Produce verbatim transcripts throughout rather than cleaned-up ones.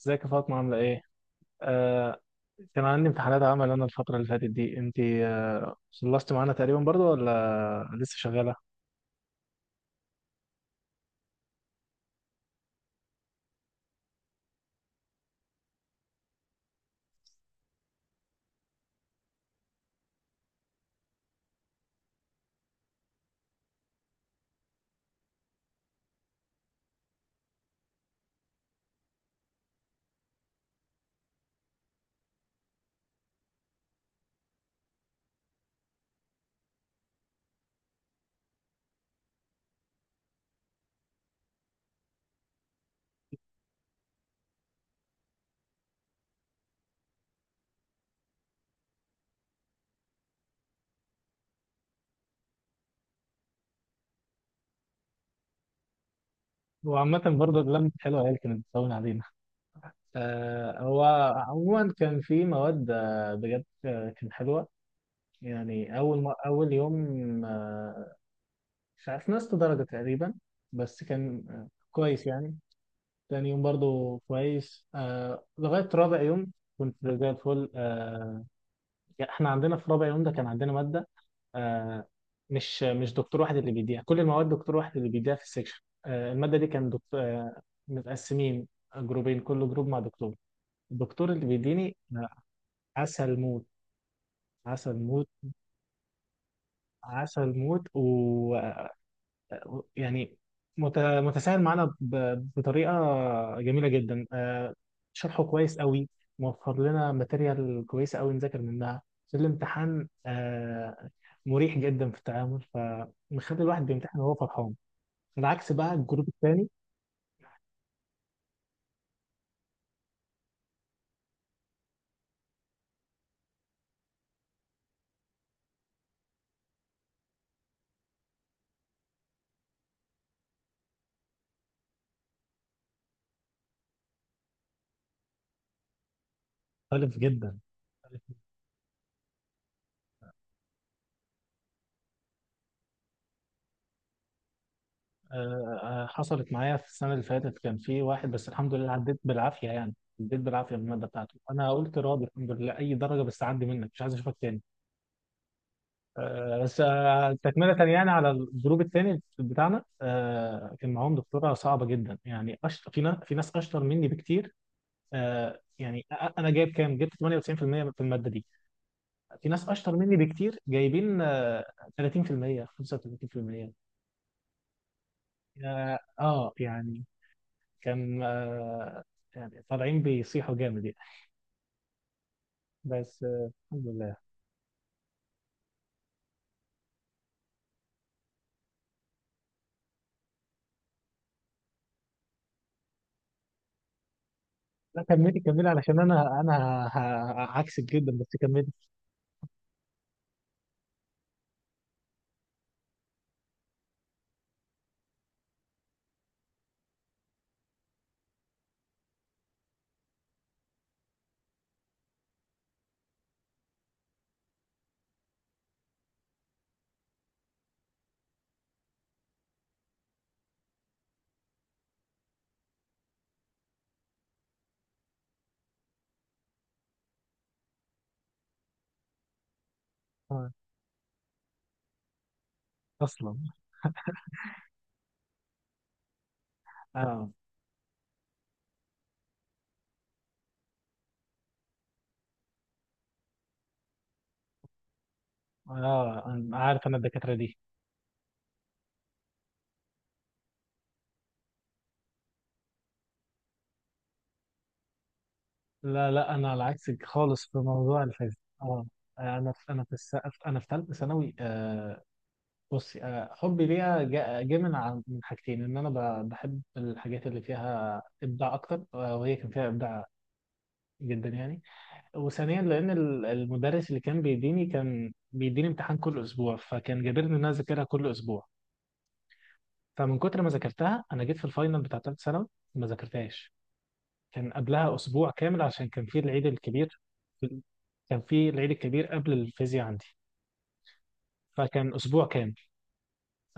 ازيك يا فاطمة، عاملة ايه؟ آه كان عندي امتحانات. عمل انا الفترة اللي فاتت دي. انت آه خلصتي معانا تقريبا برضو، ولا لسه شغالة؟ وعامة برضو اللمة حلوة هي اللي كانت بتطول علينا. آه هو عموما كان في مواد آه بجد آه كانت حلوة. يعني أول ما أول يوم، آه مش عارف، نقصت درجة تقريبا، بس كان آه كويس يعني. تاني يوم برضو كويس آه لغاية رابع يوم كنت زي الفل آه يعني. احنا عندنا في رابع يوم ده كان عندنا مادة، آه، مش مش دكتور واحد اللي بيديها كل المواد، دكتور واحد اللي بيديها في السكشن. آه، المادة دي كان دكتور آه، متقسمين جروبين، كل جروب مع دكتور. الدكتور اللي بيديني آه، عسل موت. عسل موت. عسل موت. ويعني متساهل معانا ب- بطريقة جميلة جدا، آه، شرحه كويس قوي، موفر لنا ماتيريال كويسة قوي نذاكر منها في الامتحان، آه، مريح جدا في التعامل، فمخلي الواحد بيمتحن وهو فرحان. العكس بقى الجروب الثاني، مختلف جدا، مختلف جداً. آه، آه، حصلت معايا في السنة اللي فاتت، كان في واحد بس الحمد لله عديت بالعافية يعني. عديت بالعافية من المادة بتاعته. أنا قلت راضي الحمد لله أي درجة، بس عدي منك، مش عايز أشوفك تاني. آه، بس آه، تكملة يعني على الجروب الثاني بتاعنا، آه، كان معاهم دكتورة صعبة جدا، يعني أشطر. في ناس في ناس أشطر مني بكتير. آه، يعني أ- أنا جايب كام؟ جبت تمانية وتسعين في المية في المية في المادة دي. في ناس أشطر مني بكتير جايبين، آه، ثلاثين في المية خمسة وثلاثين في المية. اه آه، يعني كان آه يعني طالعين بيصيحوا جامد يعني. بس آه الحمد لله. لا، كملي كملي علشان انا انا ه- ه- عكسك جدا، بس كملي. آه اصلا اه اه أنا عارف انا الدكاتره دي. لا لا، انا على عكسك خالص في موضوع الفيزياء. اه انا في انا في الس... انا في ثالثه ثانوي. آه بصي، آه حبي ليها جا- جه من عن- من حاجتين: ان انا ب- بحب الحاجات اللي فيها ابداع اكتر، آه وهي كان فيها ابداع جدا يعني. وثانيا لان ال- المدرس اللي كان بيديني كان بيديني امتحان كل اسبوع، فكان جابرني ان انا اذاكرها كل اسبوع. فمن كتر ما ذاكرتها، انا جيت في الفاينل بتاع ثالث ثانوي ما ذاكرتهاش. كان قبلها اسبوع كامل عشان كان في العيد الكبير. كان في العيد الكبير قبل الفيزياء عندي، فكان اسبوع كامل.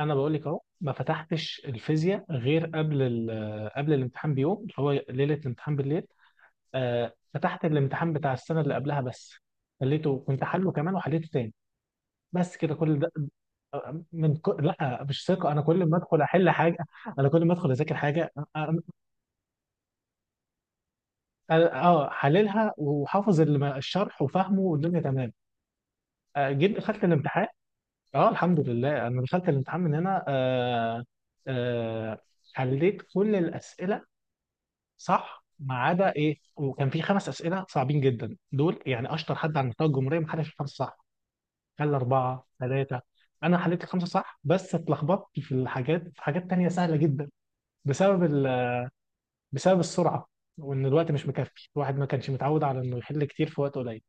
انا بقول لك اهو، ما فتحتش الفيزياء غير قبل ال- قبل الامتحان بيوم، اللي هو ليله الامتحان بالليل. آه، فتحت الامتحان بتاع السنه اللي قبلها بس، خليته كنت حله كمان وحليته تاني. بس كده كل ده. من كل... لا، مش ثقه، انا كل ما ادخل احل حاجه. انا كل ما ادخل اذاكر حاجه أ- أ- اه حللها، وحافظ الم- الشرح وفاهمه والدنيا تمام. آه، جيت دخلت الامتحان. اه الحمد لله، انا دخلت الامتحان من هنا. آه آه حليت كل الاسئله صح ما عدا ايه، وكان في خمس اسئله صعبين جدا دول، يعني اشطر حد على مستوى الجمهوريه ما حدش الخمسه صح. خلى أربعة ثلاثة. أنا حليت الخمسة صح، بس اتلخبطت في الحاجات، في حاجات تانية سهلة جدا، بسبب ال... بسبب السرعة، وإن الوقت مش مكفي، الواحد ما كانش متعود على إنه يحل كتير في وقت قليل. إن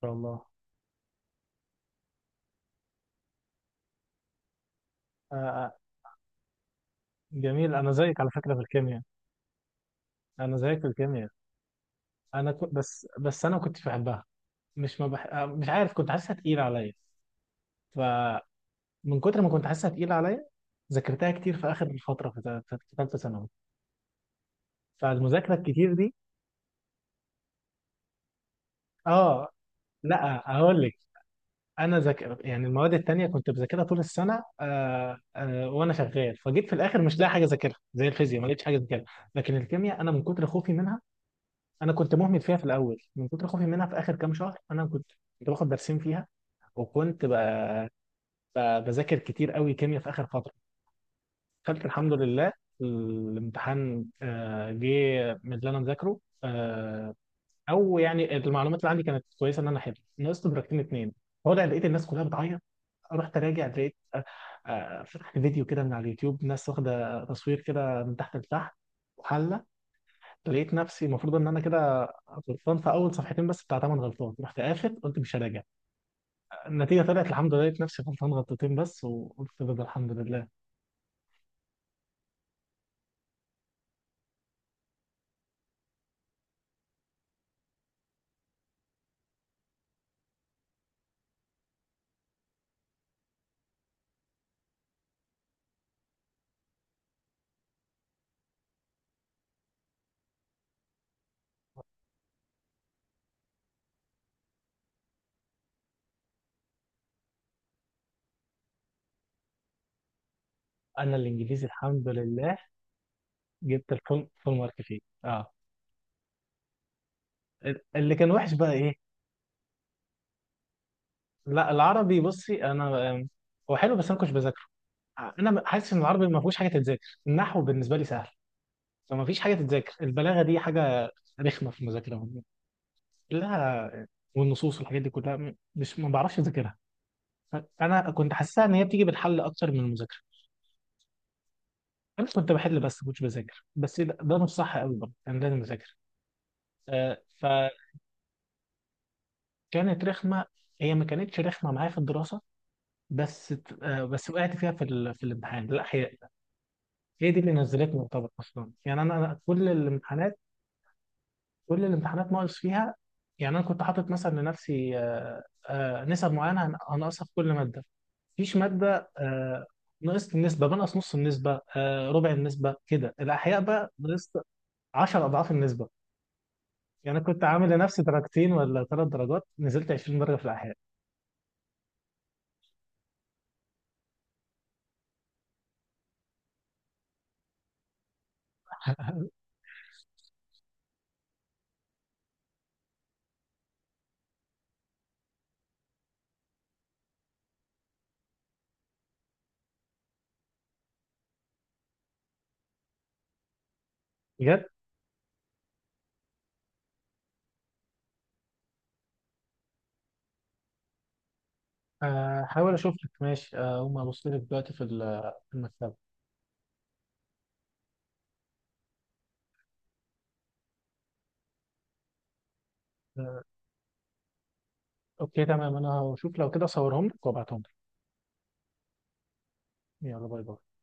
شاء الله. آه آه، جميل، أنا زيك على فكرة في الكيمياء. أنا زيك في الكيمياء. أنا كنت بس بس، أنا ما كنتش بحبها. مش ما بح... آه، مش عارف، كنت حاسسها تقيلة عليا. فمن كتر ما كنت حاسسها تقيلة عليا، ذاكرتها كتير في آخر الفترة في ثالثة ثانوي، فالمذاكرة الكتير دي. اه لا، هقول لك: انا ذاكر، يعني المواد التانية كنت بذاكرها طول السنه آه آه وانا شغال، فجيت في الاخر مش لاقي حاجه اذاكرها، زي الفيزياء ما لقيتش حاجه اذاكرها. لكن الكيمياء انا من كتر خوفي منها، انا كنت مهمل فيها في الاول من كتر خوفي منها. في اخر كام شهر انا كنت، كنت باخد درسين فيها، وكنت ب... ب... بذاكر كتير قوي كيمياء في اخر فتره. خدت الحمد لله. الامتحان آه جه من اللي انا مذاكره، آه او يعني المعلومات اللي عندي كانت كويسه، ان انا حلو. نقصت درجتين اتنين. طالع لقيت الناس كلها بتعيط. رحت راجع لقيت، آه، آه، فتحت فيديو كده من على اليوتيوب، ناس واخده تصوير كده من تحت لتحت وحله. لقيت نفسي المفروض ان انا كده غلطان في اول صفحتين بس، بتاع تمن غلطات. رحت قافل قلت مش هراجع. النتيجه طلعت الحمد لله، لقيت نفسي غلطان غلطتين بس، وقلت ده ده الحمد لله. انا الانجليزي الحمد لله جبت الفول، فول مارك فيه. اه، اللي كان وحش بقى ايه؟ لا، العربي بصي، انا آم، هو حلو بس انا ما كنتش بذاكره. انا حاسس ان العربي ما فيهوش حاجه تتذاكر، النحو بالنسبه لي سهل، فما فيش حاجه تتذاكر. البلاغه دي حاجه رخمه في المذاكره كلها. والنصوص والحاجات دي كلها م- مش، ما بعرفش اذاكرها. انا كنت حاسسها ان هي بتيجي بالحل اكتر من المذاكره. انا كنت بحل بس ما كنتش بذاكر، بس ده, ده مش صح قوي برضه، انا لازم اذاكر. آه، فكانت رخمه. هي ما كانتش رخمه معايا في الدراسه، بس ت- آه، بس وقعت فيها في ال... في الامتحان. لا هي، هي دي اللي نزلتني يعتبر اصلا. يعني انا أنا كل الامتحانات، كل الامتحانات ناقص فيها. يعني انا كنت حاطط مثلا لنفسي آه، آه، نسب معينه هن- هنقصها في كل ماده. مفيش ماده آه، نقصت النسبه، بنقص نص النسبه، آه، ربع النسبه كده. الاحياء بقى نقصت عشر اضعاف النسبه. يعني كنت عامل لنفسي درجتين ولا ثلاث درجات، نزلت عشرين درجه في الاحياء. بجد، آه، هحاول اشوف لك ماشي. آه، اقوم ابص لك دلوقتي في ال- في المكتبه. آه، اوكي تمام، انا هشوف لو كده اصورهم لك وابعتهم لك. يلا باي باي.